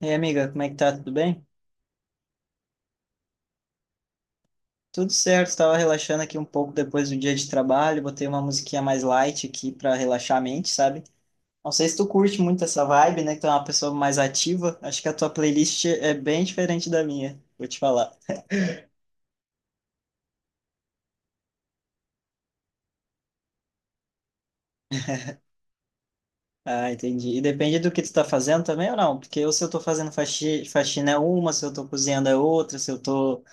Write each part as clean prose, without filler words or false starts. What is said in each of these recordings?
E aí, amiga, como é que tá? Tudo bem? Tudo certo, estava relaxando aqui um pouco depois do dia de trabalho, botei uma musiquinha mais light aqui para relaxar a mente, sabe? Não sei se tu curte muito essa vibe, né? Que tu é uma pessoa mais ativa. Acho que a tua playlist é bem diferente da minha, vou te falar. Ah, entendi. E depende do que tu tá fazendo também ou não? Porque ou se eu tô fazendo faxina é uma, se eu tô cozinhando é outra, se eu tô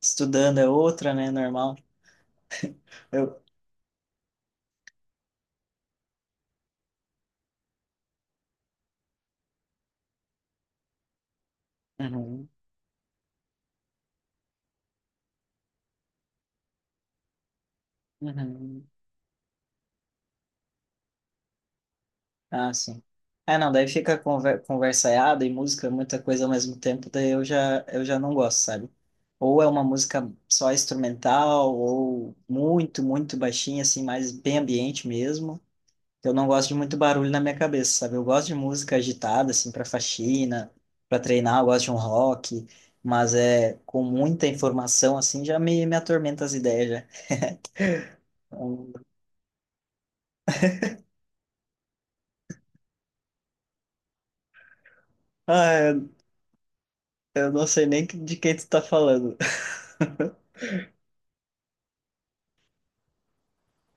estudando é outra, né? Normal. Eu... Uhum, uhum. Ah, sim. É, não, daí fica conversaiada e música, muita coisa ao mesmo tempo, daí eu já não gosto, sabe? Ou é uma música só instrumental, ou muito, muito baixinha, assim, mais bem ambiente mesmo. Eu não gosto de muito barulho na minha cabeça, sabe? Eu gosto de música agitada, assim, para faxina, para treinar, eu gosto de um rock, mas é com muita informação, assim, já me atormenta as ideias, já. Ah, eu não sei nem de quem tu tá falando.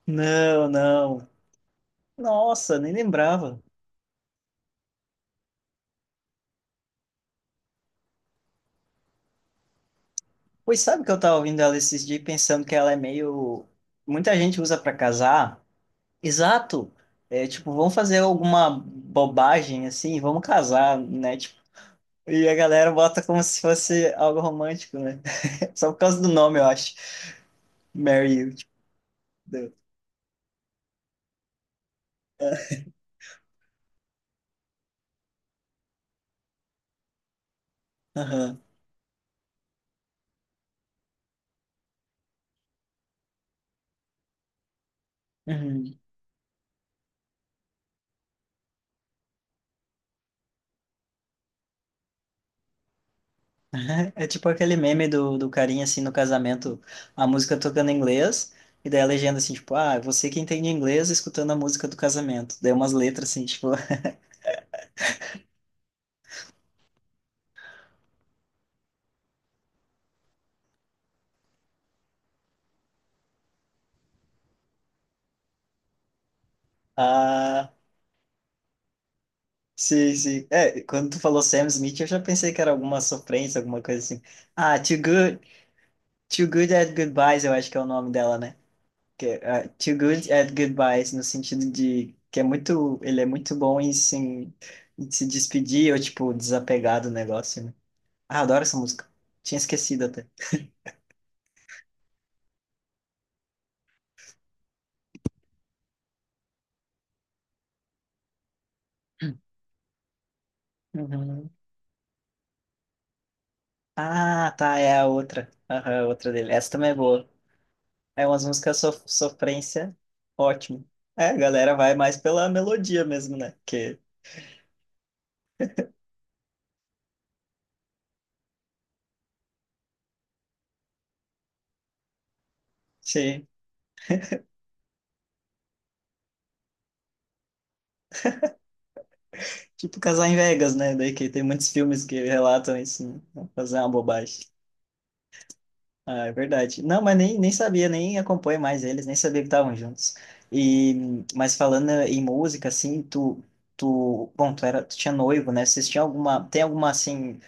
Não, não. Nossa, nem lembrava. Pois sabe que eu tava ouvindo ela esses dias e pensando que ela é meio. Muita gente usa pra casar. Exato. É, tipo, vamos fazer alguma bobagem assim, vamos casar, né? Tipo, e a galera bota como se fosse algo romântico, né? Só por causa do nome, eu acho. Marry you. Tipo, deu. Aham. Uhum. É tipo aquele meme do carinha assim no casamento, a música tocando em inglês. E daí a legenda assim, tipo, ah, você que entende inglês escutando a música do casamento. Daí umas letras assim, tipo, ah, sim, sim. É, quando tu falou Sam Smith, eu já pensei que era alguma sofrência, alguma coisa assim. Ah, Too Good, Too Good at Goodbyes, eu acho que é o nome dela, né? Que, ah, Too Good at Goodbyes, no sentido de que é muito, ele é muito bom em se despedir ou, tipo, desapegar do negócio, né? Ah, adoro essa música. Tinha esquecido até. Uhum. Ah, tá, é a outra. Aham, a outra dele. Essa também é boa. É umas músicas sofrência, ótimo. É, a galera vai mais pela melodia mesmo, né? Que, sim, tipo casar em Vegas, né? Daí que tem muitos filmes que relatam isso, né? Fazer uma bobagem. Ah, é verdade. Não, mas nem sabia, nem acompanho mais eles, nem sabia que estavam juntos. E, mas falando em música, assim, tu, bom, tu era, tu tinha noivo, né? Vocês tinham alguma, tem alguma, assim,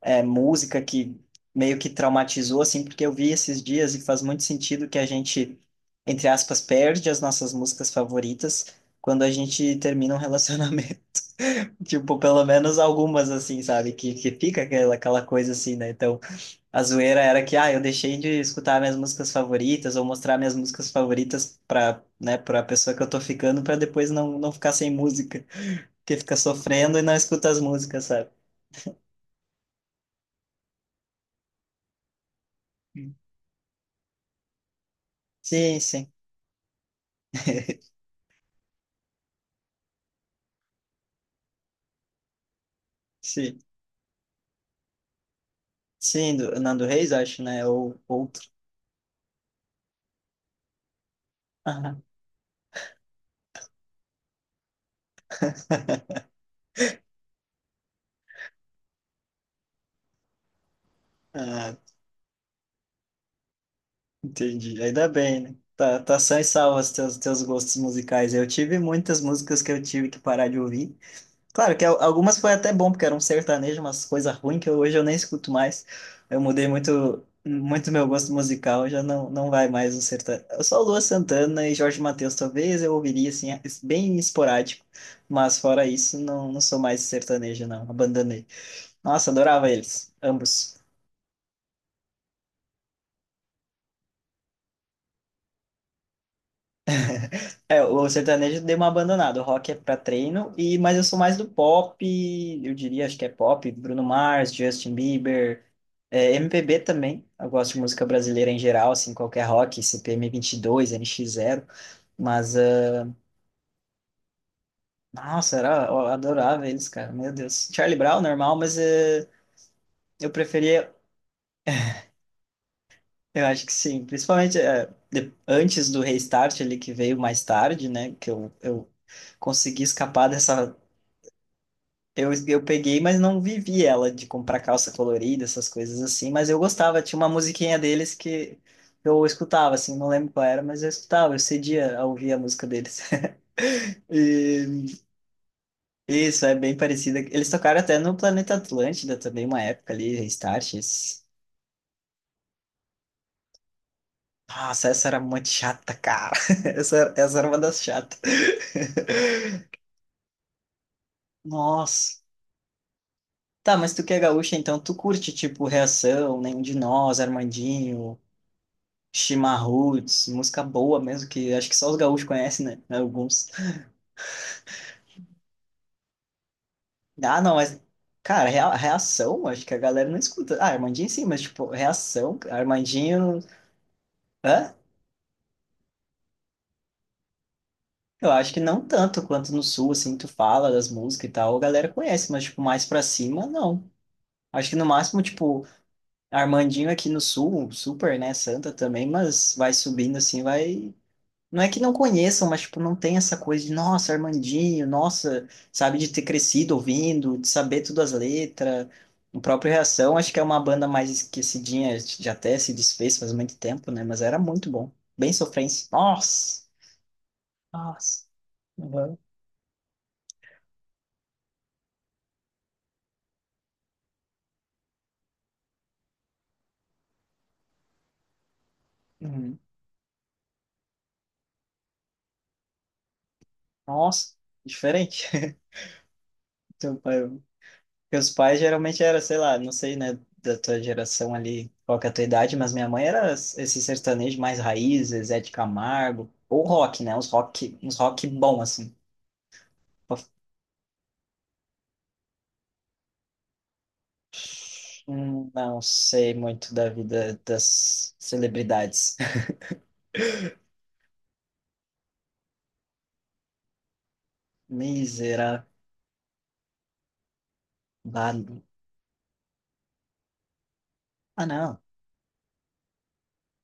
é, música que meio que traumatizou, assim, porque eu vi esses dias e faz muito sentido que a gente, entre aspas, perde as nossas músicas favoritas quando a gente termina um relacionamento. Tipo, pelo menos algumas, assim, sabe? Que fica aquela, coisa assim, né? Então, a zoeira era que, ah, eu deixei de escutar minhas músicas favoritas ou mostrar minhas músicas favoritas pra, né, pra pessoa que eu tô ficando, pra depois não ficar sem música. Porque fica sofrendo e não escuta as músicas, sabe? Sim, sim, sim. Sim, do Nando Reis, acho, né? Ou outro. Ah, entendi. Ainda bem, né? Tá só em salvo os teus gostos musicais. Eu tive muitas músicas que eu tive que parar de ouvir. Claro que algumas foi até bom, porque era um sertanejo, umas coisas ruins que hoje eu nem escuto mais. Eu mudei muito meu gosto musical, já não vai mais um sertanejo. Só Lua Santana e Jorge Mateus, talvez eu ouviria, assim, bem esporádico. Mas fora isso, não sou mais sertanejo, não. Abandonei. Nossa, adorava eles, ambos. É, o sertanejo deu uma abandonada. O rock é pra treino, e mas eu sou mais do pop, eu diria, acho que é pop, Bruno Mars, Justin Bieber, é, MPB também. Eu gosto de música brasileira em geral, assim, qualquer rock, CPM 22, NX zero. Mas, ah, nossa, era, eu adorava eles, cara, meu Deus. Charlie Brown, normal, mas eu preferia, eu acho que sim, principalmente antes do Restart, ele que veio mais tarde, né, que eu consegui escapar dessa. Eu peguei, mas não vivi ela de comprar calça colorida, essas coisas assim, mas eu gostava, tinha uma musiquinha deles que eu escutava, assim, não lembro qual era, mas eu escutava, eu cedia a ouvir a música deles. E isso, é bem parecida. Eles tocaram até no Planeta Atlântida também, uma época ali, Restart. Nossa, essa era muito chata, cara. Essa era uma das chatas. Nossa. Tá, mas tu que é gaúcha, então tu curte, tipo, Reação, Nenhum de Nós, Armandinho, Chimarruts, música boa mesmo, que acho que só os gaúchos conhecem, né? Né, alguns. Ah, não, mas, cara, reação, acho que a galera não escuta. Ah, Armandinho sim, mas, tipo, reação, Armandinho. Hã? Eu acho que não tanto quanto no sul, assim, tu fala das músicas e tal, a galera conhece, mas, tipo, mais pra cima, não. Acho que no máximo, tipo, Armandinho aqui no sul, super, né? Santa também, mas vai subindo assim, vai. Não é que não conheçam, mas, tipo, não tem essa coisa de, nossa, Armandinho, nossa, sabe, de ter crescido ouvindo, de saber todas as letras. O próprio Reação, acho que é uma banda mais esquecidinha, já até se desfez faz muito tempo, né? Mas era muito bom. Bem sofrência. Nossa! Nossa! Uhum. Uhum. Nossa! Diferente. Então, pai, porque os pais geralmente era, sei lá, não sei, né, da tua geração ali, qual que é a tua idade, mas minha mãe era esse sertanejo mais raiz, Zezé de Camargo, ou rock, né, uns rock bom, assim. Não sei muito da vida das celebridades. Miserável. Ah, não.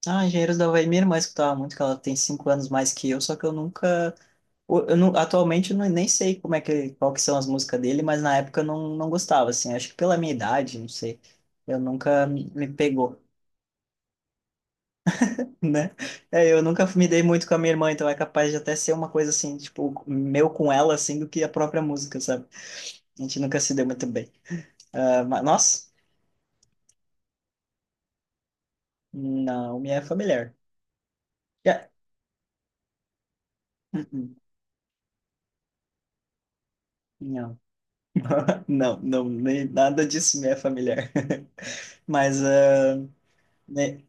Ah, Engenheiros do Havaí, minha irmã escutava muito, que ela tem 5 anos mais que eu, só que eu nunca. Eu não, atualmente eu não, nem sei como é que, qual que são as músicas dele, mas na época eu não gostava, assim. Acho que pela minha idade, não sei. Eu nunca me pegou, né? É, eu nunca me dei muito com a minha irmã, então é capaz de até ser uma coisa assim, tipo, meu com ela, assim, do que a própria música, sabe? A gente nunca se deu muito bem. Ah, mas, nossa, não me é familiar. Já- Hum, hum, Não. Não, não, nem nada disso me é familiar. Mas, ah, né,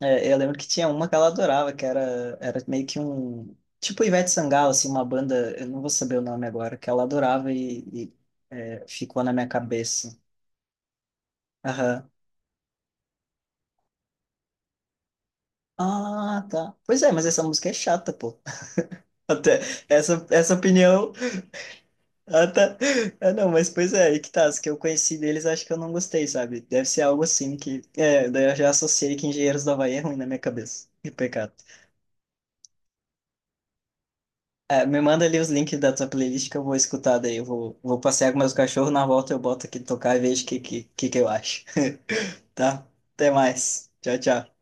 é, eu lembro que tinha uma que ela adorava, que era meio que um. Tipo Ivete Sangalo, assim, uma banda, eu não vou saber o nome agora, que ela adorava e, é, ficou na minha cabeça. Aham. Ah, tá. Pois é, mas essa música é chata, pô. Até essa opinião. Ah, tá. Ah, não, mas pois é, aí que tá. As que eu conheci deles, acho que eu não gostei, sabe? Deve ser algo assim que. É, daí eu já associei que Engenheiros do Havaí é ruim na minha cabeça. Que pecado. É, me manda ali os links da tua playlist que eu vou escutar daí. Eu vou passear com meus cachorros, na volta eu boto aqui tocar e vejo o que que eu acho. Tá? Até mais. Tchau, tchau.